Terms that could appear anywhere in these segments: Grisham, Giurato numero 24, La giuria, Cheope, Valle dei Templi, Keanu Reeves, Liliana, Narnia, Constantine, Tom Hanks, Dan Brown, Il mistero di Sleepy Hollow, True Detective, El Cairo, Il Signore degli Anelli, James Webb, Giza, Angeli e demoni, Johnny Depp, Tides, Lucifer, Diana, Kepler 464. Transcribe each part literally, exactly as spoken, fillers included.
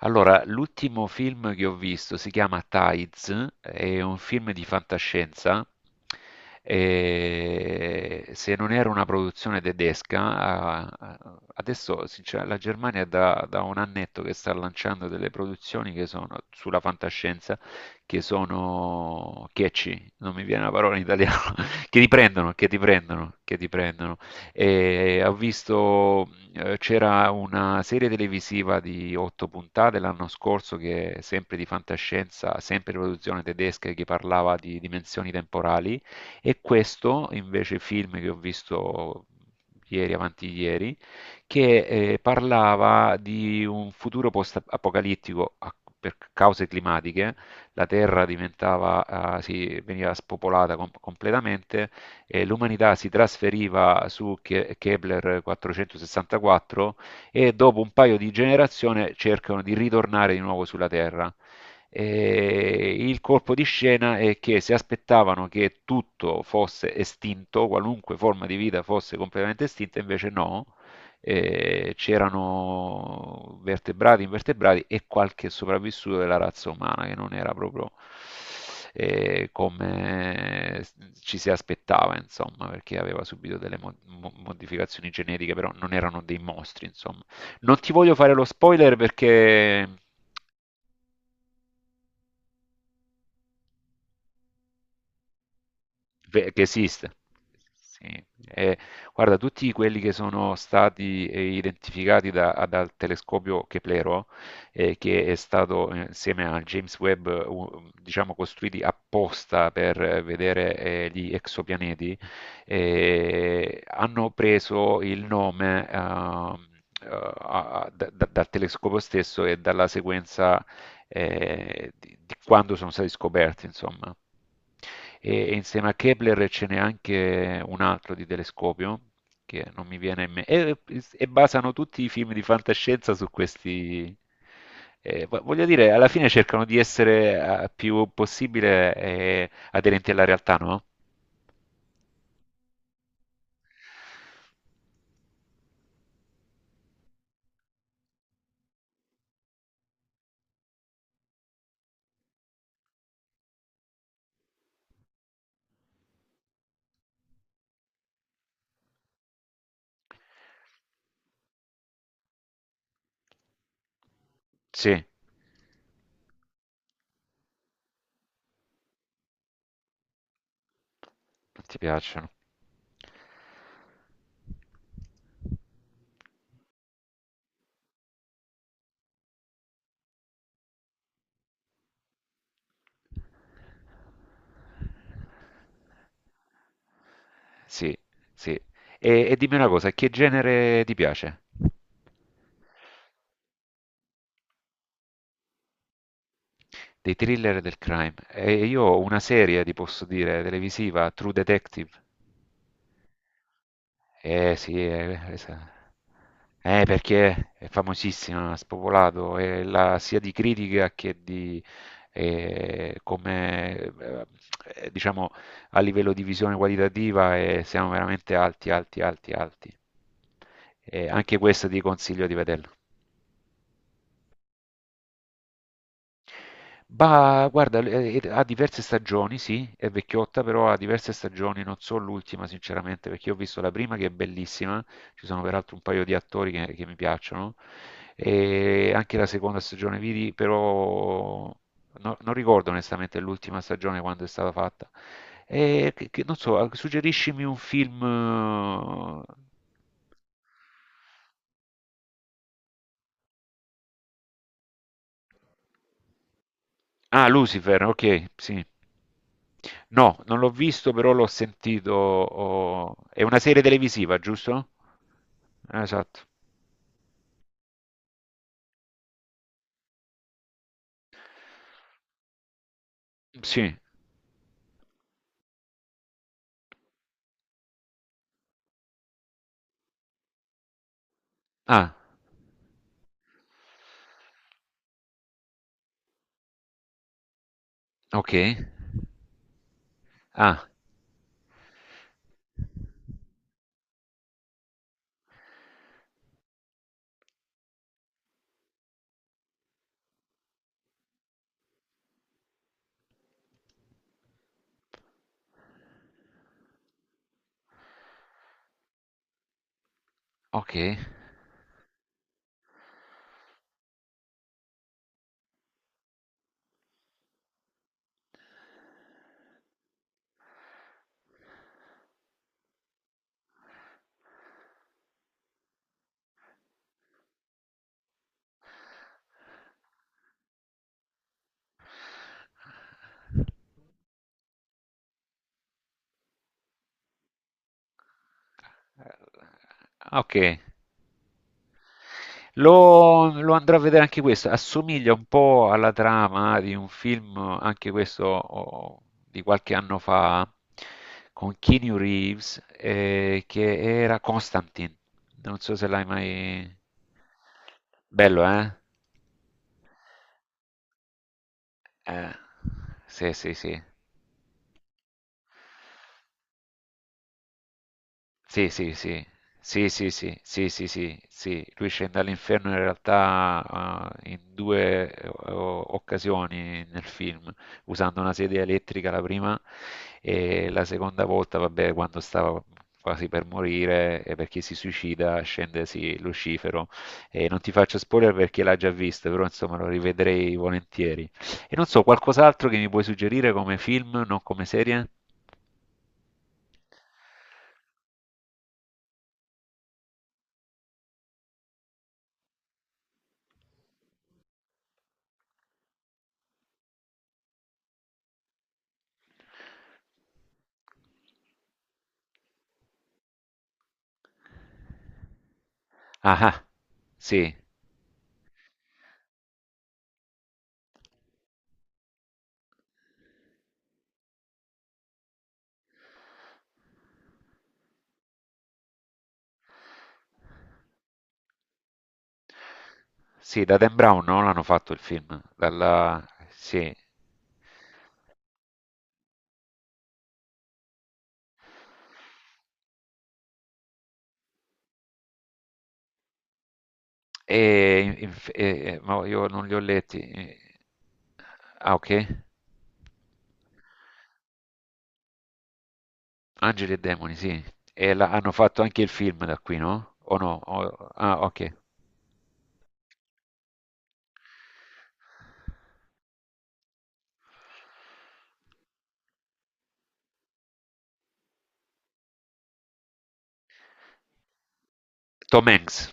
Allora, l'ultimo film che ho visto si chiama Tides, è un film di fantascienza. E se non era una produzione tedesca, a- a- adesso sincer- la Germania è da, da un annetto che sta lanciando delle produzioni che sono sulla fantascienza, che sono catchy, non mi viene la parola in italiano, che ti prendono, che ti prendono, che ti prendono. E ho visto, eh, c'era una serie televisiva di otto puntate l'anno scorso che è sempre di fantascienza, sempre produzione tedesca, che parlava di dimensioni temporali. E questo invece film che ho visto ieri, avanti ieri, che eh, parlava di un futuro post-apocalittico a- per cause climatiche. La Terra diventava, ah, sì, veniva spopolata com- completamente, eh, l'umanità si trasferiva su Che- Kepler quattrocentosessantaquattro e dopo un paio di generazioni cercano di ritornare di nuovo sulla Terra. E il colpo di scena è che si aspettavano che tutto fosse estinto, qualunque forma di vita fosse completamente estinta, invece no, eh, c'erano vertebrati, invertebrati e qualche sopravvissuto della razza umana che non era proprio eh, come ci si aspettava, insomma, perché aveva subito delle mo- mo- modificazioni genetiche, però non erano dei mostri, insomma. Non ti voglio fare lo spoiler perché Ve- che esiste. Sì. Eh, guarda, tutti quelli che sono stati eh, identificati da- dal telescopio Keplero, eh, che è stato, eh, insieme a James Webb, eh, u- diciamo, costruiti apposta per eh, vedere eh, gli exopianeti, eh, hanno preso il nome ehm, eh, a- a- da- da- dal telescopio stesso e dalla sequenza eh, di, di quando sono stati scoperti, insomma. E, e insieme a Kepler ce n'è anche un altro di telescopio che non mi viene in mente. E, e basano tutti i film di fantascienza su questi. Eh, vo- voglio dire, alla fine cercano di essere eh, più possibile eh, aderenti alla realtà, no? Sì, ti piacciono. Sì, sì. E, e dimmi una cosa, che genere ti piace? Dei thriller del crime. E io ho una serie, ti posso dire, televisiva, True Detective. Eh sì, eh, esa- eh, perché è famosissima, ha spopolato, eh, la- sia di critica che di, eh, come eh, eh, diciamo, a livello di visione qualitativa, eh, siamo veramente alti, alti, alti, alti. E anche questo ti consiglio di vederlo. Bah, guarda, l- eh, ha diverse stagioni, sì, è vecchiotta, però ha diverse stagioni, non so l'ultima sinceramente, perché io ho visto la prima che è bellissima, ci sono peraltro un paio di attori che, che mi piacciono, e anche la seconda stagione vidi, però no- non ricordo onestamente l'ultima stagione quando è stata fatta. E che- che- non so, suggeriscimi un film. eh, Ah, Lucifer, ok, sì. No, non l'ho visto, però l'ho sentito. ho- È una serie televisiva, giusto? Ah, esatto. Sì. Ah, ok. Ah, ok. Ah, ok. Lo, lo andrò a vedere anche questo. Assomiglia un po' alla trama di un film, anche questo, oh, di qualche anno fa, con Keanu Reeves, eh, che era Constantine. Non so se l'hai mai... Bello, eh? Eh, sì, sì, sì. Sì, sì, sì. Sì, sì, sì, sì, sì, sì, sì. Lui scende all'inferno in realtà eh, in due eh, o- occasioni nel film, usando una sedia elettrica la prima e la seconda volta, vabbè, quando stava quasi per morire e perché si suicida, scende sì, Lucifero. E non ti faccio spoiler perché l'ha già visto, però insomma lo rivedrei volentieri. E non so, qualcos'altro che mi puoi suggerire come film, non come serie? Ah-ah. Sì, sì, da Dan Brown, no, l'hanno fatto il film? Dalla sì. E inf e ma io non li ho letti. E ah, okay. Angeli e demoni, sì. E la hanno fatto anche il film da qui, no? O no? O ah, okay. Tom Hanks,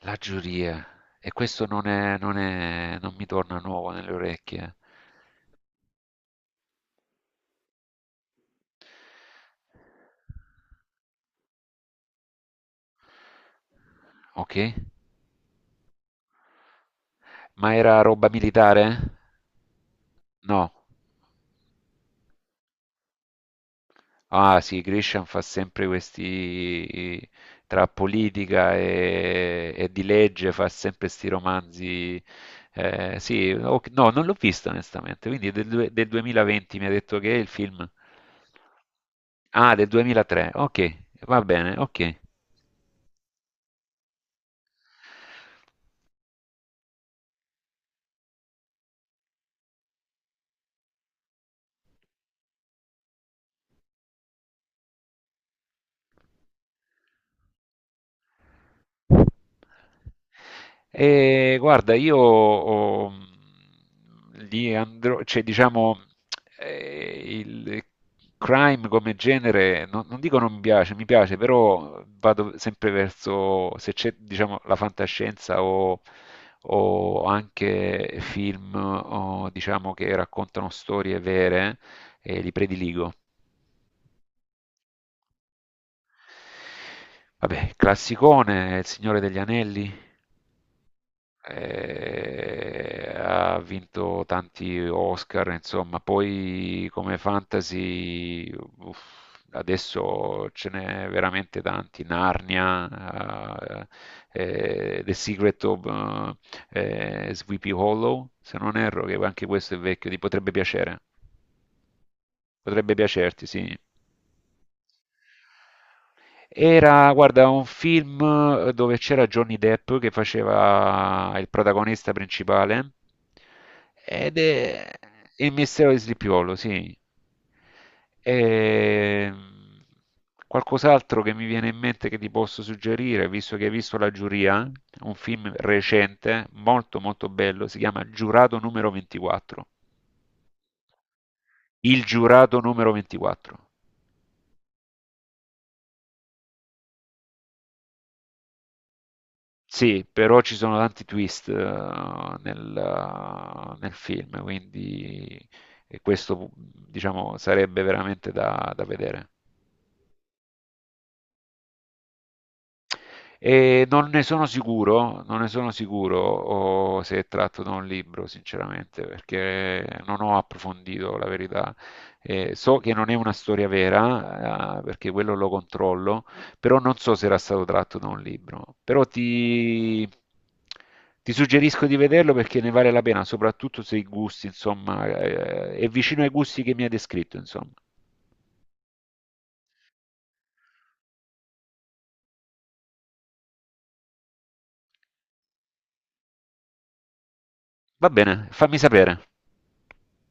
La giuria. E questo non è, non è, non mi torna nuovo nelle orecchie. Okay. Ma era roba militare? No. Ah sì, Grisham fa sempre questi, tra politica e, e di legge, fa sempre questi romanzi. Eh, sì, o- no, non l'ho visto onestamente, quindi è del, due- del duemilaventi mi ha detto che è il film. Ah, del duemilatré, ok, va bene, ok. E guarda, io ho- li andrò, cioè diciamo, eh, il crime come genere, non, non dico non mi piace, mi piace, però vado sempre verso, se c'è, diciamo, la fantascienza o, o anche film, o, diciamo, che raccontano storie vere, eh, li prediligo. Vabbè, classicone, Il Signore degli Anelli. Eh, ha vinto tanti Oscar, insomma, poi come fantasy, uff, adesso ce n'è veramente tanti, Narnia, eh, eh, The Secret of, eh, eh, Sleepy Hollow, se non erro, che anche questo è vecchio, ti potrebbe piacere, potrebbe piacerti, sì. Era, guarda, un film eh, dove c'era Johnny Depp che faceva il protagonista principale, ed è Il mistero di Sleepy Hollow, sì. E... Qualcos'altro che mi viene in mente che ti posso suggerire, visto che hai visto La Giuria, un film recente, molto molto bello, si chiama Giurato numero ventiquattro. Il giurato numero ventiquattro. Sì, però ci sono tanti twist eh, nel, eh, nel film, quindi e questo diciamo sarebbe veramente da, da vedere. E non ne sono sicuro, non ne sono sicuro o se è tratto da un libro, sinceramente, perché non ho approfondito la verità. Eh, so che non è una storia vera, eh, perché quello lo controllo, però non so se era stato tratto da un libro. Però ti, ti suggerisco di vederlo perché ne vale la pena, soprattutto se i gusti, insomma, eh, è vicino ai gusti che mi hai descritto, insomma. Va bene, fammi sapere.